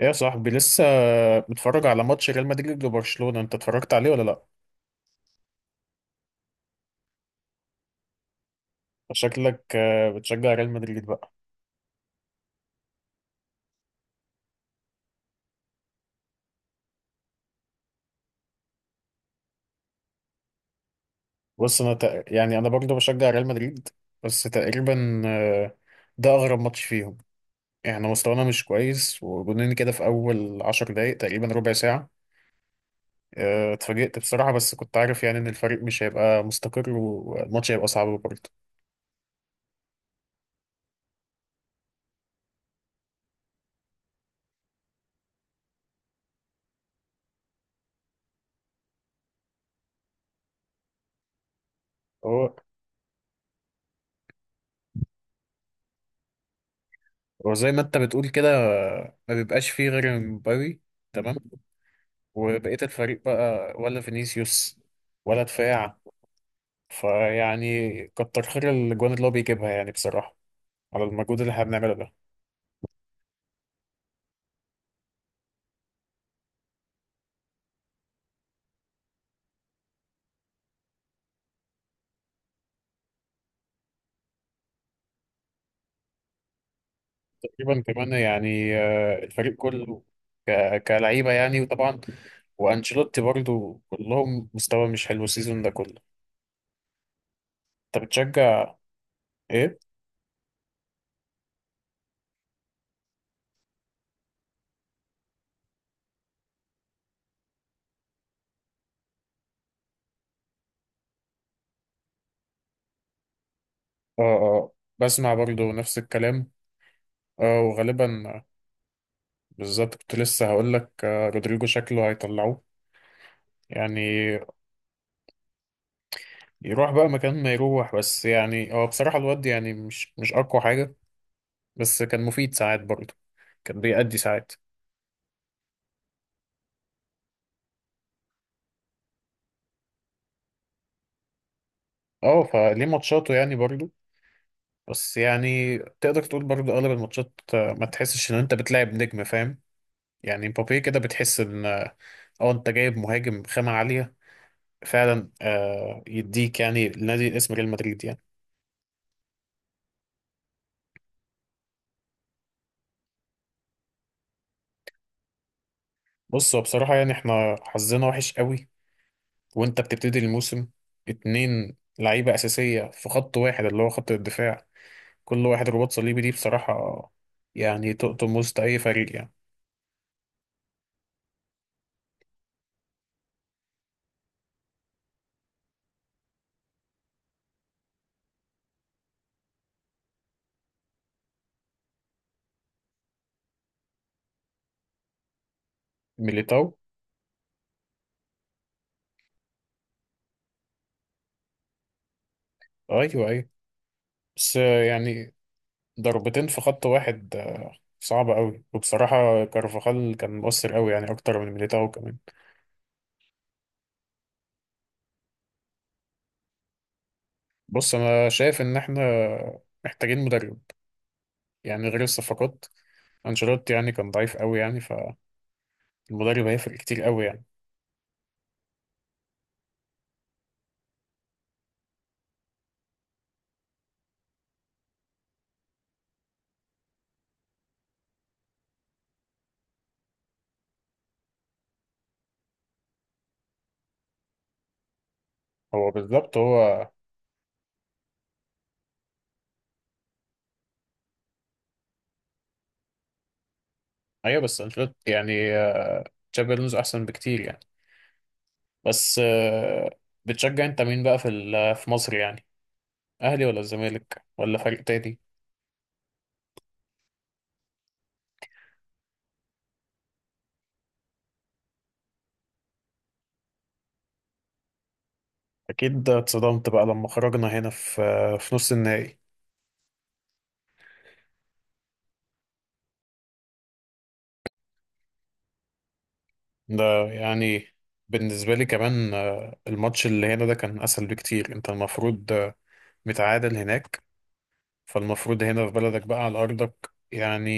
ايه يا صاحبي لسه متفرج على ماتش ريال مدريد وبرشلونة؟ انت اتفرجت عليه ولا لا؟ شكلك بتشجع ريال مدريد بقى. بص، يعني انا برضه بشجع ريال مدريد، بس تقريبا ده اغرب ماتش فيهم. احنا مستوانا مش كويس، وجونين كده في اول 10 دقايق، تقريبا ربع ساعة. اتفاجئت بصراحة، بس كنت عارف يعني ان الفريق مش هيبقى مستقر والماتش هيبقى صعب برضه. هو هو زي ما انت بتقول كده، ما بيبقاش فيه غير مبابي. تمام، وبقية الفريق بقى ولا فينيسيوس ولا دفاع. فيعني كتر خير الجوان اللي هو بيجيبها يعني بصراحة، على المجهود اللي احنا بنعمله ده. تقريبا كمان يعني الفريق كله كلعيبة يعني، وطبعا وأنشيلوتي برضو كلهم مستوى مش حلو السيزون ده كله. انت بتشجع ايه؟ اه، اه، بسمع برضو نفس الكلام. اه، وغالبا بالظبط كنت لسه هقول لك رودريجو شكله هيطلعوه يعني. يروح بقى مكان ما يروح، بس يعني هو بصراحة الواد يعني مش أقوى حاجة، بس كان مفيد ساعات برضه. كان بيأدي ساعات. اه، فليه ماتشاته يعني برضه. بس يعني تقدر تقول برضه أغلب الماتشات ما تحسش إن أنت بتلعب نجم، فاهم؟ يعني مبابي كده بتحس إن أنت جايب مهاجم خامة عالية، فعلا يديك يعني لنادي اسم ريال مدريد يعني. بص، هو بصراحة يعني احنا حظنا وحش قوي. وأنت بتبتدي الموسم 2 لعيبة أساسية في خط واحد اللي هو خط الدفاع، كل واحد رباط صليبي. دي بصراحة يعني تقطم وسط أي فريق يعني. ميليتاو. أيوه، أيوه. بس يعني ضربتين في خط واحد صعبة أوي، وبصراحة كارفاخال كان مؤثر أوي يعني، أكتر من ميليتاو كمان. بص، أنا شايف إن إحنا محتاجين مدرب، يعني غير الصفقات. أنشيلوتي يعني كان ضعيف أوي يعني، فالمدرب هيفرق كتير أوي يعني. هو بالظبط هو. أيوه، بس أنشيلوتي يعني تشابي ألونسو أحسن بكتير يعني. بس بتشجع أنت مين بقى في مصر يعني؟ اهلي ولا الزمالك ولا فريق تاني؟ اكيد اتصدمت بقى لما خرجنا هنا في نص النهائي. ده يعني بالنسبه لي كمان، الماتش اللي هنا ده كان اسهل بكتير، انت المفروض متعادل هناك. فالمفروض هنا في بلدك بقى على ارضك يعني،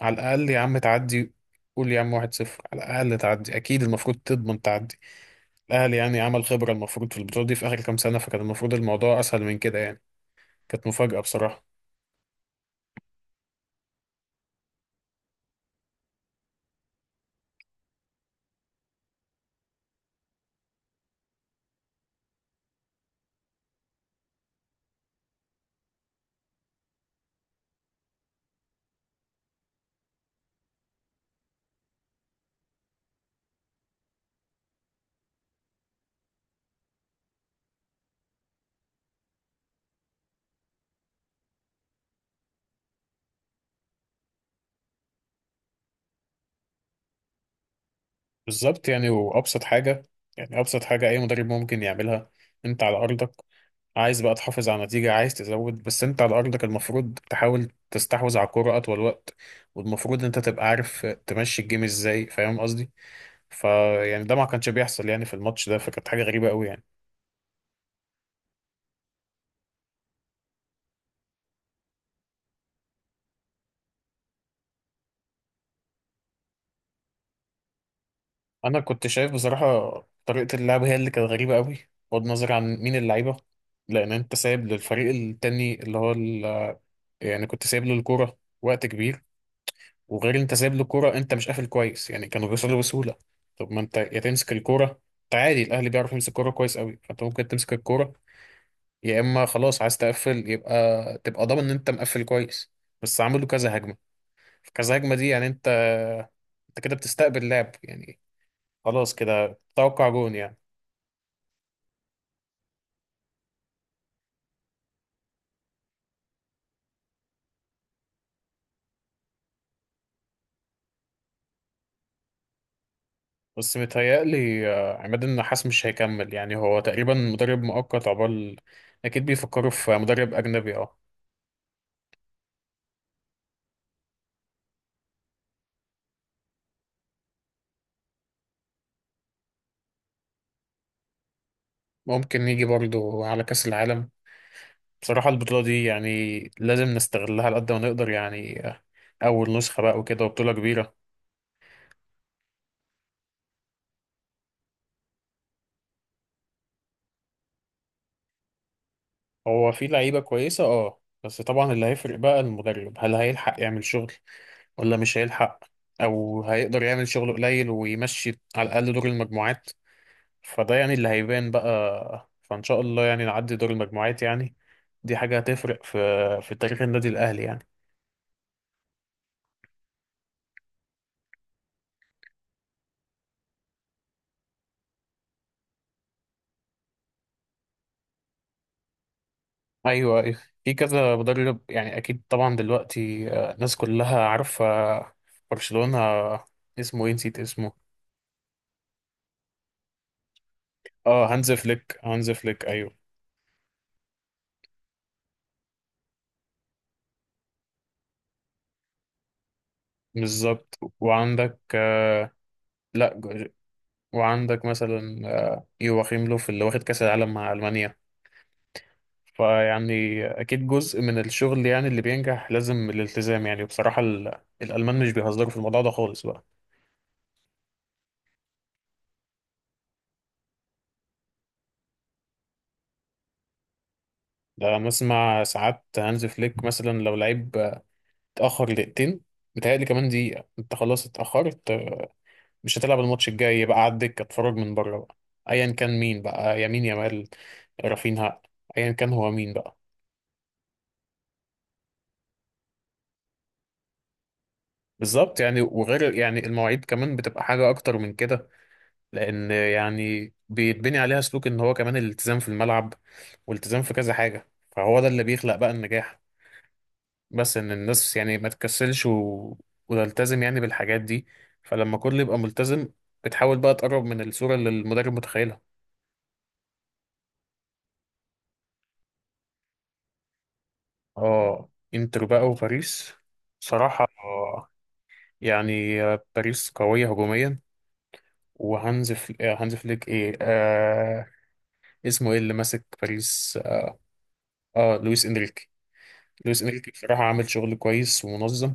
على الاقل يا عم تعدي. قول يا عم 1-0، على الاقل تعدي، اكيد المفروض تضمن تعدي. الاهلي يعني عمل خبره المفروض في البطوله دي في اخر كام سنه، فكان المفروض الموضوع اسهل من كده يعني. كانت مفاجاه بصراحه. بالظبط يعني، وابسط حاجه يعني، ابسط حاجه اي مدرب ممكن يعملها. انت على ارضك، عايز بقى تحافظ على النتيجه، عايز تزود، بس انت على ارضك المفروض تحاول تستحوذ على الكوره اطول وقت. والمفروض انت تبقى عارف تمشي الجيم ازاي، فاهم قصدي؟ فيعني ده ما كانش بيحصل يعني في الماتش ده، فكانت حاجه غريبه قوي يعني. انا كنت شايف بصراحه، طريقه اللعب هي اللي كانت غريبه قوي، بغض النظر عن مين اللعيبه. لان انت سايب للفريق التاني يعني كنت سايب له الكوره وقت كبير. وغير انت سايب له كوره، انت مش قافل كويس يعني، كانوا بيوصلوا بسهوله. طب ما انت يا تمسك الكوره، انت عادي الاهلي بيعرف يمسك الكوره كويس قوي، فانت ممكن تمسك الكوره. يا اما خلاص عايز تقفل، يبقى تبقى ضامن ان انت مقفل كويس. بس عملوا كذا هجمه، في كذا هجمه دي يعني، انت كده بتستقبل لعب يعني، خلاص كده توقع جون يعني. بس متهيألي عماد النحاس مش هيكمل يعني، هو تقريبا مدرب مؤقت عقبال. أكيد بيفكروا في مدرب أجنبي، اه. ممكن يجي برضه على كأس العالم. بصراحة البطولة دي يعني لازم نستغلها على قد ما نقدر يعني، أول نسخة بقى وكده وبطولة كبيرة. هو في لعيبة كويسة اه، بس طبعا اللي هيفرق بقى المدرب، هل هيلحق يعمل شغل ولا مش هيلحق؟ أو هيقدر يعمل شغل قليل ويمشي على الأقل دور المجموعات. فده يعني اللي هيبان بقى، فإن شاء الله يعني نعدي دور المجموعات يعني. دي حاجة هتفرق في في تاريخ النادي الأهلي يعني. ايوه، أيوة. في كذا مدرب يعني، اكيد طبعا دلوقتي الناس كلها عارفه، برشلونه، اسمه ايه نسيت اسمه. اه، هانز فليك، هانز فليك، ايوه. بالظبط، وعندك لا جو- وعندك مثلا يواخيم لوف اللي واخد كاس العالم مع المانيا. فيعني اكيد جزء من الشغل يعني اللي بينجح لازم الالتزام يعني بصراحه. الالمان مش بيهزروا في الموضوع ده خالص بقى. ده بسمع ساعات هانز فليك مثلا، لو لعيب اتأخر دقيقتين، متهيألي كمان دقيقة انت خلاص اتأخرت، مش هتلعب الماتش الجاي، بقى على الدكة اتفرج من بره بقى. ايا كان مين بقى، يمين يامال، رافينها، ايا كان هو مين بقى. بالظبط يعني، وغير يعني المواعيد كمان بتبقى حاجة اكتر من كده، لان يعني بيتبني عليها سلوك ان هو كمان الالتزام في الملعب والالتزام في كذا حاجة، فهو ده اللي بيخلق بقى النجاح. بس ان الناس يعني ما تكسلش وتلتزم يعني بالحاجات دي، فلما كله يبقى ملتزم بتحاول بقى تقرب من الصورة اللي المدرب متخيلها. اه، انتر بقى وباريس صراحة، يعني باريس قوية هجوميا. وهانز فل... هانز فليك، ايه، اسمه ايه اللي ماسك باريس؟ لويس انريكي. لويس انريكي بصراحة عامل شغل كويس ومنظم.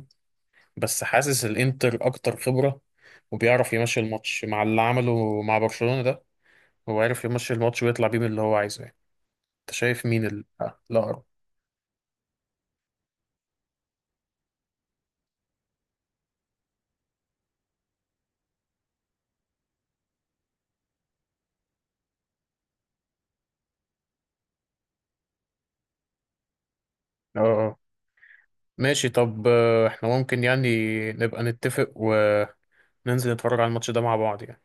بس حاسس الانتر اكتر خبرة، وبيعرف يمشي الماتش مع اللي عمله مع برشلونة ده. هو عارف يمشي الماتش ويطلع بيه من اللي هو عايزه يعني. انت شايف مين الأقرب؟ اه، آه. ماشي، طب احنا ممكن يعني نبقى نتفق وننزل نتفرج على الماتش ده مع بعض يعني.